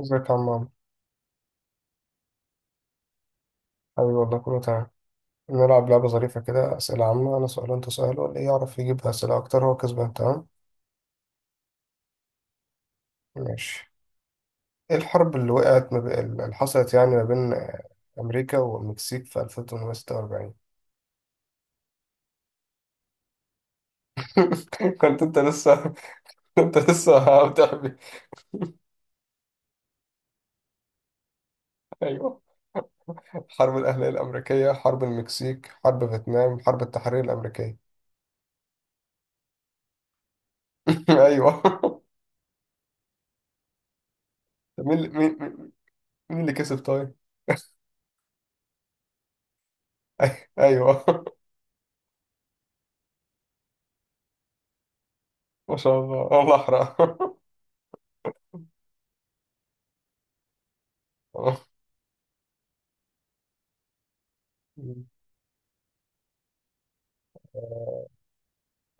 ازيك يا عم عمرو؟ حبيبي والله كله تمام. نلعب لعبة ظريفة كده، أسئلة عامة، أنا سؤال وأنت سؤال واللي يعرف يجيب أسئلة أكتر هو كسبان. تمام؟ ماشي. إيه الحرب اللي وقعت ما بي... اللي حصلت يعني ما بين أمريكا والمكسيك في 1846؟ كنت أنت لسه. كنت لسه بتحبي. أيوه، حرب الأهلية الأمريكية، حرب المكسيك، حرب فيتنام، حرب التحرير الأمريكية. أيوه. طب مين اللي كسب طيب؟ أيوه، ما شاء الله والله أحرق آه،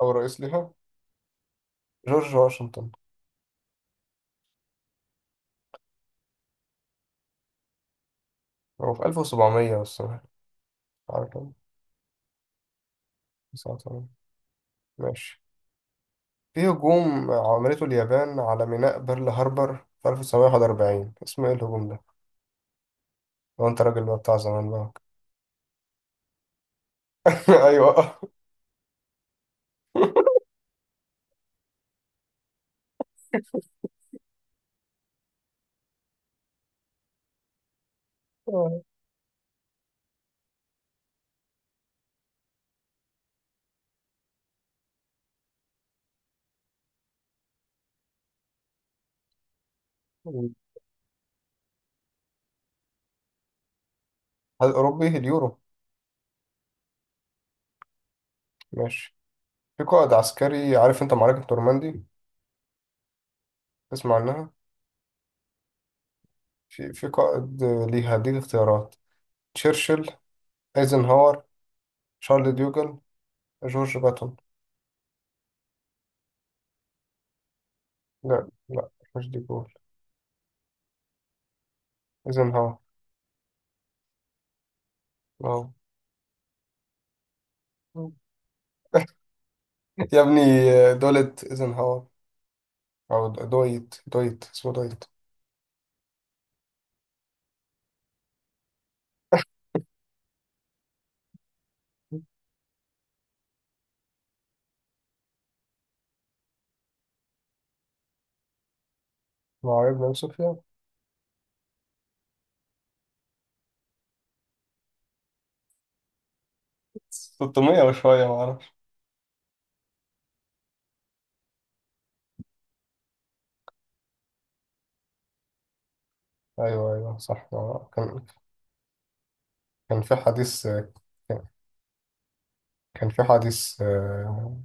أو رئيس ليها. جورج واشنطن. هو في 1700، بس أنا عارف أنا. 1900. ماشي. في هجوم عملته اليابان على ميناء بيرل هاربر في 1941، اسمه إيه الهجوم ده؟ لو أنت راجل بقى بتاع زمان بقى. أيوه. الاتحاد الأوروبي، اليورو. ماشي. في قائد عسكري، عارف أنت معركة نورماندي، تسمع عنها. في قائد ليها، هديك اختيارات: تشرشل، ايزنهاور، شارل ديوجل، جورج باتون. لا، لا، مش ديكور. ايزنهاور. واو. يا ابني، دولت ايزنهاور. او دويت، اسمه دويت. ما هو ابن صوفيا. 600 وشوية، ما اعرفش. ايوه، ايوه، صح. كان في حديث، كان كان في حديث.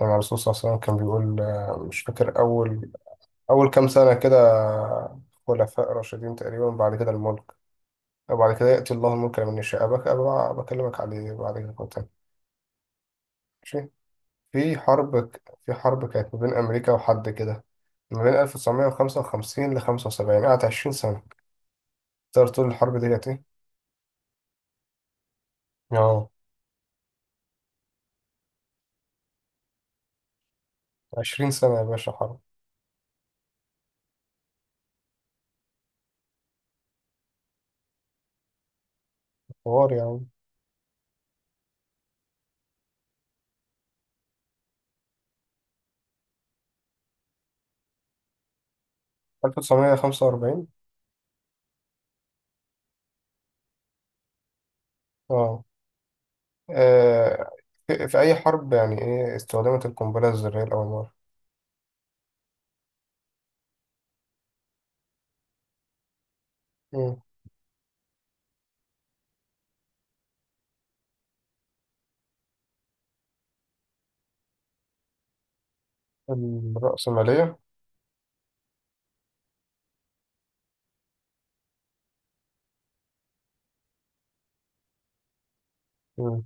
لما الرسول صلى الله عليه وسلم كان بيقول، مش فاكر. اول كام سنة كده خلفاء راشدين تقريبا، بعد كده الملك. وبعد كده يأتي الله الملك لمن يشاء. أبك أبقى بكلمك عليه بعد كده مرة تانية. ماشي. في حرب كانت ما بين أمريكا وحد كده، ما بين 1955 ل 75، قعدت 20 سنة. تقدر تقول الحرب دي كانت إيه؟ آه، 20 سنة يا باشا، حرب. حوار يا عم. 1945. آه آه، في أي حرب يعني إيه استخدمت القنبلة الذرية لأول مرة؟ مم. الرأسمالية. مم.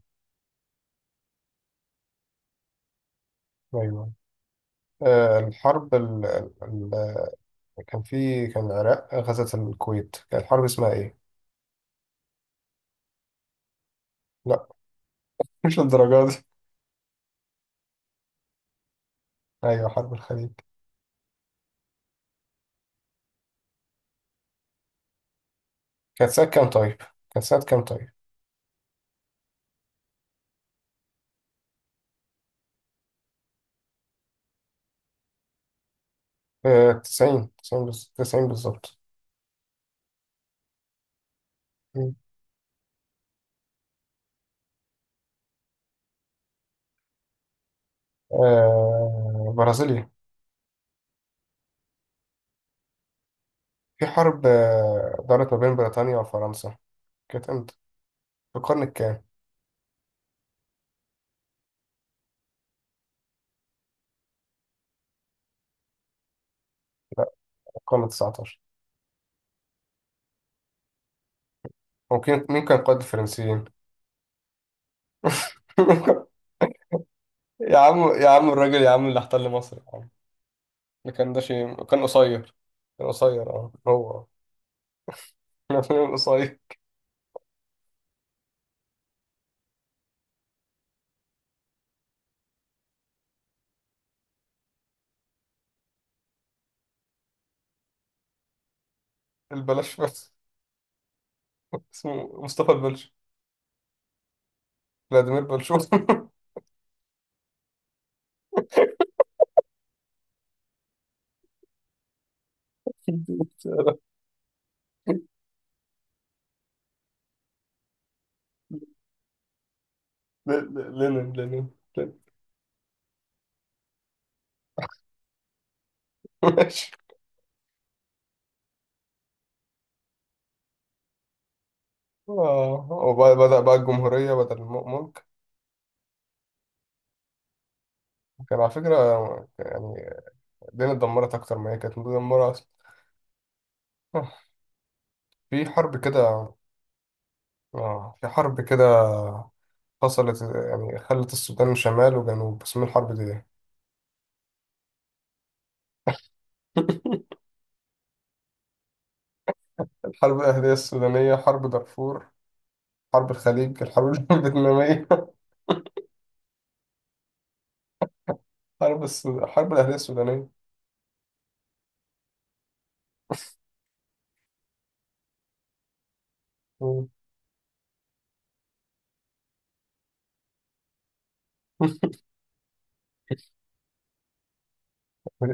أيوه. الحرب ال... كان في كان العراق غزت الكويت، كانت الحرب اسمها إيه؟ لا، مش للدرجة دي. أيوه، حرب الخليج. كانت سنة كام طيب؟ كانت سنة كام طيب؟ 90، 90، 90 بالظبط. مم. برازيليا. في حرب دارت ما بين بريطانيا وفرنسا، كانت امتى؟ في القرن الكام؟ القرن ال 19. ممكن مين كان قائد الفرنسيين؟ يا عم، يا عم، الراجل يا عم اللي احتل مصر يا عم، ده كان، ده شيء كان قصير. كان قصير، اه هو. كان قصير. البلاش بس. اسمه مصطفى البلش، فلاديمير بلشوف. لينين، لينين. ماشي. اه، وبدأ بقى الجمهورية بدل الملك. كان على فكرة يعني الدنيا اتدمرت أكتر ما هي كانت مدمرة أصلا. آه، في حرب كده اه في حرب كده حصلت، يعني خلت السودان شمال وجنوب، اسمها الحرب دي إيه؟ الحرب الأهلية السودانية، حرب دارفور، حرب الخليج، الحرب الفيتنامية. الحرب الأهلية السودانية. مم.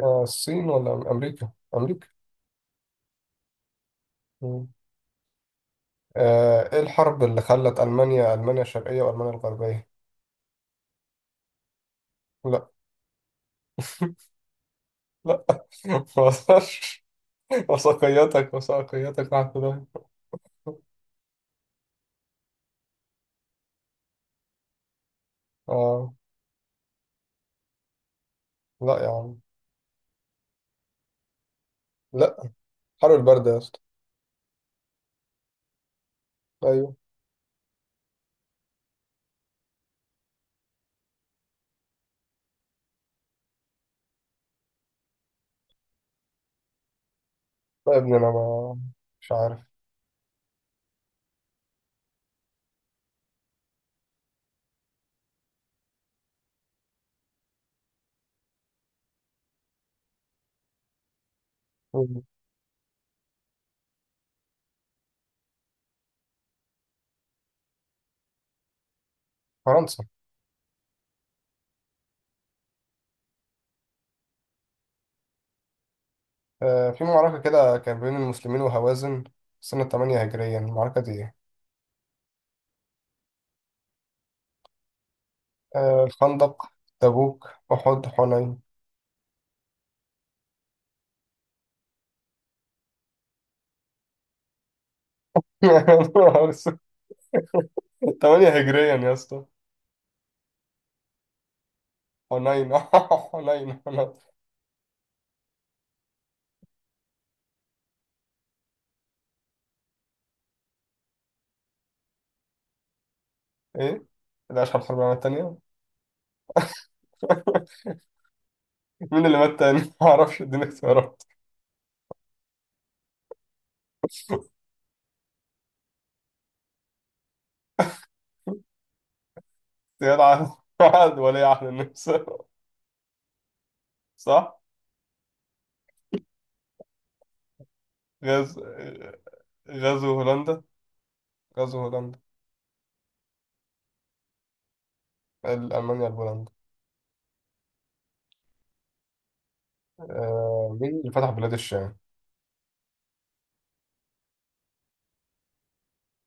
الصين ولا أمريكا؟ أمريكا. مم. إيه الحرب اللي خلت ألمانيا، ألمانيا الشرقية وألمانيا الغربية؟ لا، لا، ما اقدرش. وثقيتك، وثقيتك مع خداع، اه. لا يا عم، لا. حر البرد يا اسطى. ايوه. لا يا ابني، انا ما مش عارف. فرنسا. في معركة كده كان بين المسلمين وهوازن سنة 8 هجريا، المعركة دي ايه؟ الخندق، تبوك، أحد، حنين. 8 هجريا يا اسطى. حنين، حنين، حنين. ايه؟ ده أشهر الحرب العالمية التانية؟ مين اللي مات تاني؟ معرفش، اديني اختيارات. زياد عن، الوعد، ولي عهد النمسا، صح؟ غز... غزو هولندا غزو هولندا. ألمانيا لهولندا. مين اللي فتح بلاد الشام؟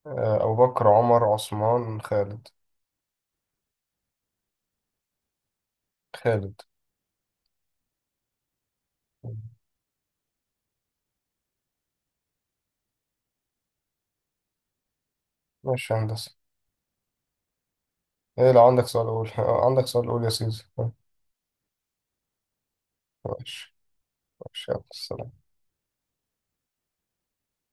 أبو بكر، عمر، عثمان، خالد. خالد. ماشي يا هندسة. إيه، لو عندك سؤال قول. عندك سؤال قول يا سيدي. ماشي. ماشي، يلا، سلام.